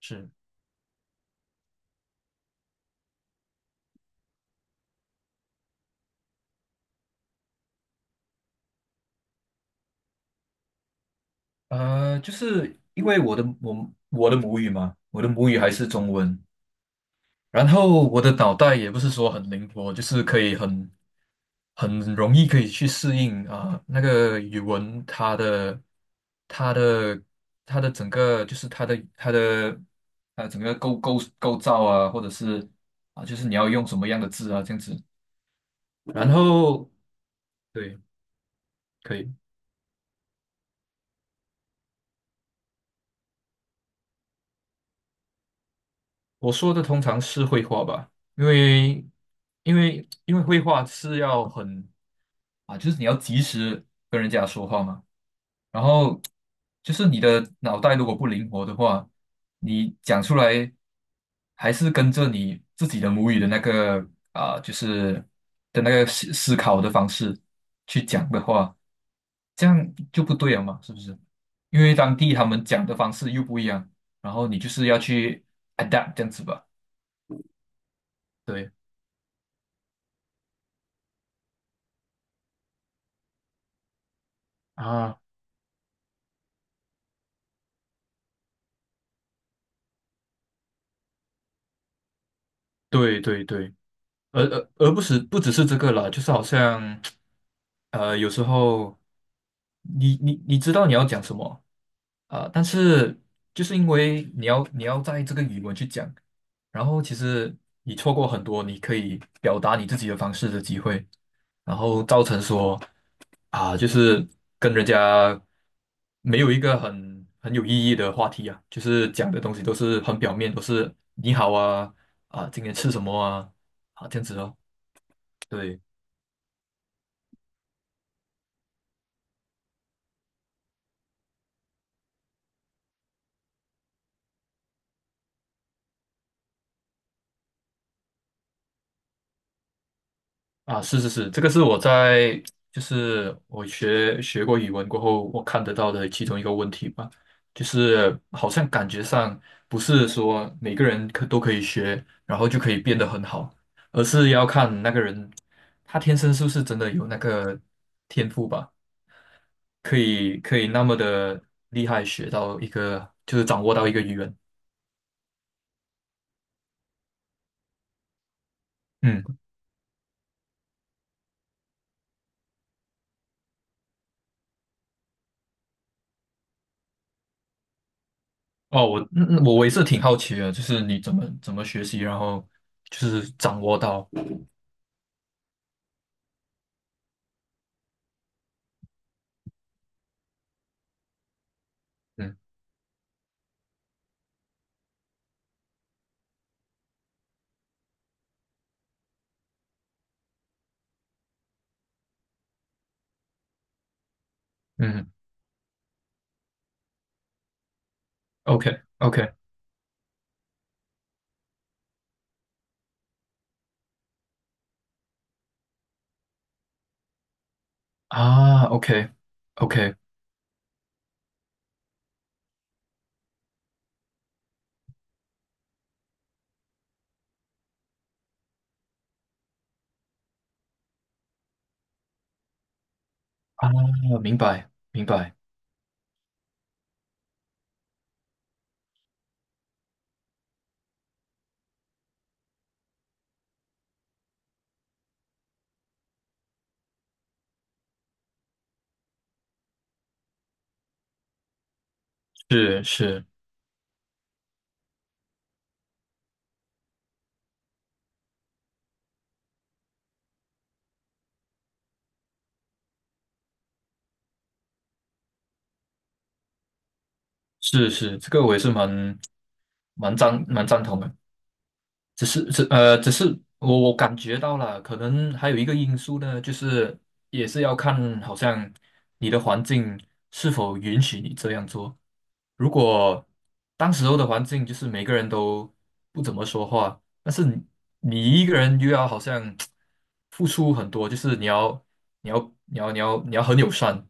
是，就是因为我的母语嘛，我的母语还是中文。然后我的脑袋也不是说很灵活，就是可以很容易可以去适应啊、那个语文它的它的整个就是它的整个构造啊，或者是啊、就是你要用什么样的字啊这样子。然后对，可以。我说的通常是绘画吧。因为因为绘画是要很啊，就是你要及时跟人家说话嘛。然后就是你的脑袋如果不灵活的话，你讲出来还是跟着你自己的母语的那个啊，就是的那个思考的方式去讲的话，这样就不对了嘛，是不是？因为当地他们讲的方式又不一样，然后你就是要去 adapt 这样子吧。对啊。对对对。而不是不只是这个啦，就是好像，有时候你知道你要讲什么啊，但是就是因为你要在这个语文去讲，然后其实你错过很多你可以表达你自己的方式的机会，然后造成说啊，就是跟人家没有一个很有意义的话题啊，就是讲的东西都是很表面，都是你好啊啊，今天吃什么啊啊这样子哦。对啊。是是是。这个是我在就是我学过语文过后，我看得到的其中一个问题吧，就是好像感觉上不是说每个人可都可以学，然后就可以变得很好，而是要看那个人他天生是不是真的有那个天赋吧。可以那么的厉害，学到一个就是掌握到一个语言。嗯。哦，我也是挺好奇的，就是你怎么学习，然后就是掌握到。嗯嗯，OK OK。 啊，OK OK。 啊，明白明白。是是是是。这个我也是蛮赞同的。只是我感觉到了，可能还有一个因素呢，就是也是要看，好像你的环境是否允许你这样做。如果当时候的环境就是每个人都不怎么说话，但是你一个人又要好像付出很多，就是你要很友善，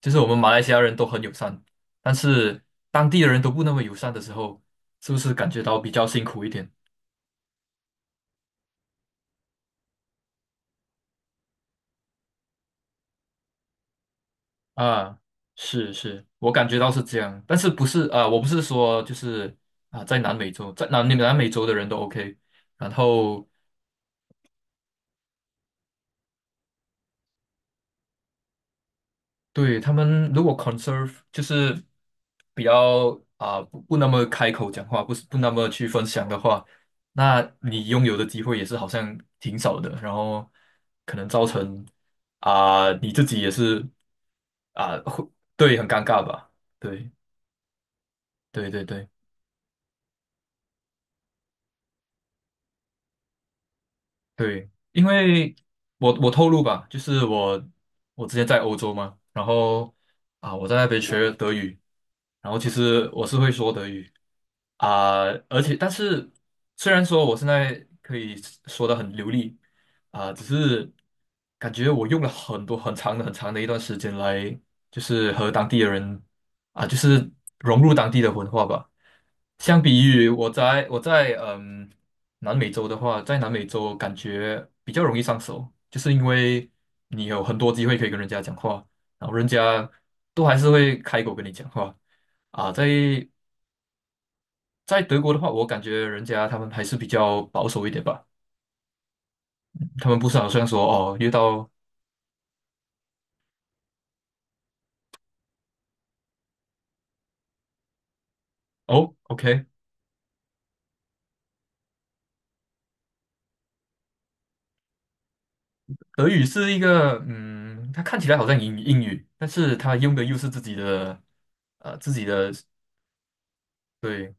就是我们马来西亚人都很友善，但是当地的人都不那么友善的时候，是不是感觉到比较辛苦一点？啊，是是，我感觉到是这样，但是不是啊？我不是说就是啊，在南美洲，在南美洲的人都 OK。然后对他们如果 conserve 就是比较啊不那么开口讲话，不是不那么去分享的话，那你拥有的机会也是好像挺少的，然后可能造成啊你自己也是啊会对很尴尬吧？对对对对。对，因为我透露吧，就是我之前在欧洲嘛，然后啊我在那边学德语，然后其实我是会说德语啊，而且但是虽然说我现在可以说的很流利啊，只是感觉我用了很多很长的很长的一段时间来，就是和当地的人啊，就是融入当地的文化吧。相比于我在南美洲的话，在南美洲感觉比较容易上手，就是因为你有很多机会可以跟人家讲话，然后人家都还是会开口跟你讲话啊。在德国的话，我感觉人家他们还是比较保守一点吧，他们不是好像说哦遇到哦 OK。德语是一个嗯，它看起来好像英语，但是它用的又是自己的自己的对。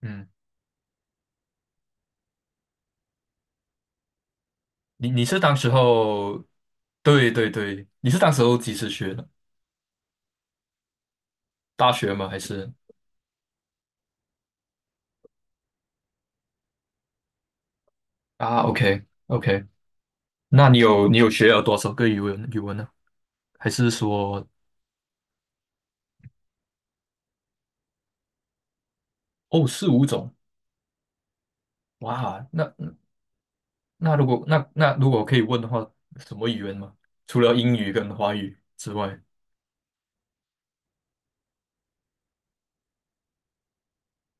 嗯。你是当时候，对对对，你是当时候几时学的？大学吗？还是啊？OK OK。那你有学了多少个语文呢？还是说哦四五种？哇。那如果可以问的话，什么语言吗？除了英语跟华语之外。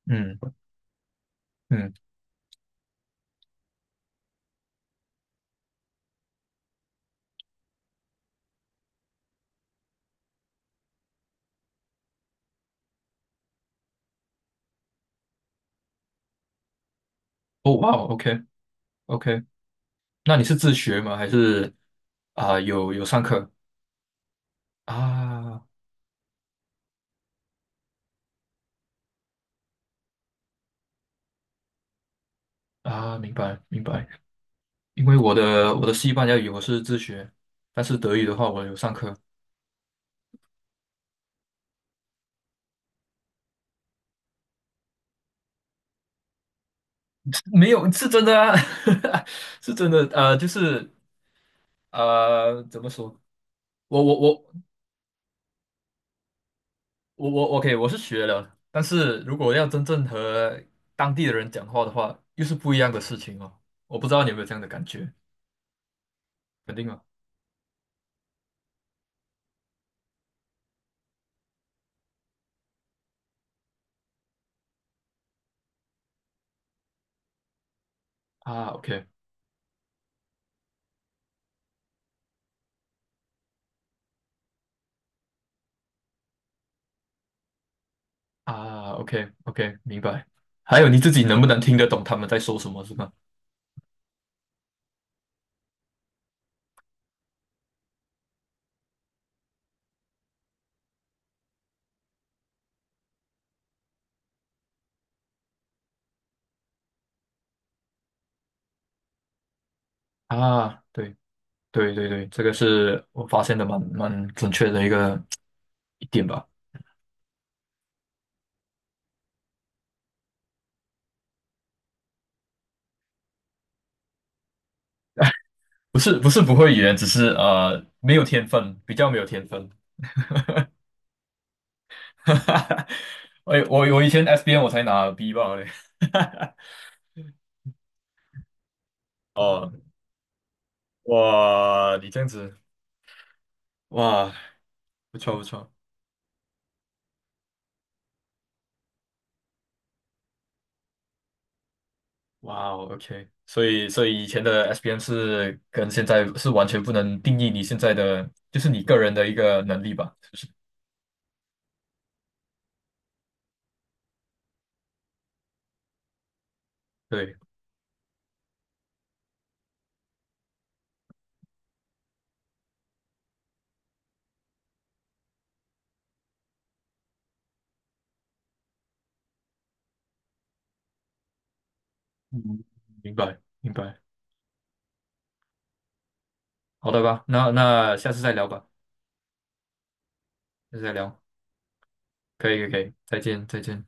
嗯嗯，哦哇。OK OK。那你是自学吗？还是啊、有上课啊啊？明白明白。因为我的西班牙语我是自学，但是德语的话我有上课。没有是真的啊。是真的。就是怎么说？我我我我 OK。我是学了，但是如果要真正和当地的人讲话的话，又是不一样的事情哦。我不知道你有没有这样的感觉，肯定啊啊。OK。 啊，OK OK。明白。还有你自己能不能听得懂他们在说什么，是吗？啊，对。对对对。这个是我发现的蛮准确的一点吧。不是不是不会语言，只是没有天分，比较没有天分。哈哈哈。我以前 SBN 我才拿 B 吧嘞。哦，哇，你这样子。哇，不错不错。哇哦，OK。所以以前的 SBN 是跟现在是完全不能定义你现在的，就是你个人的一个能力吧，是不是？对。嗯。明白明白。好的吧。那下次再聊吧。下次再聊。可以可以，可以再见再见。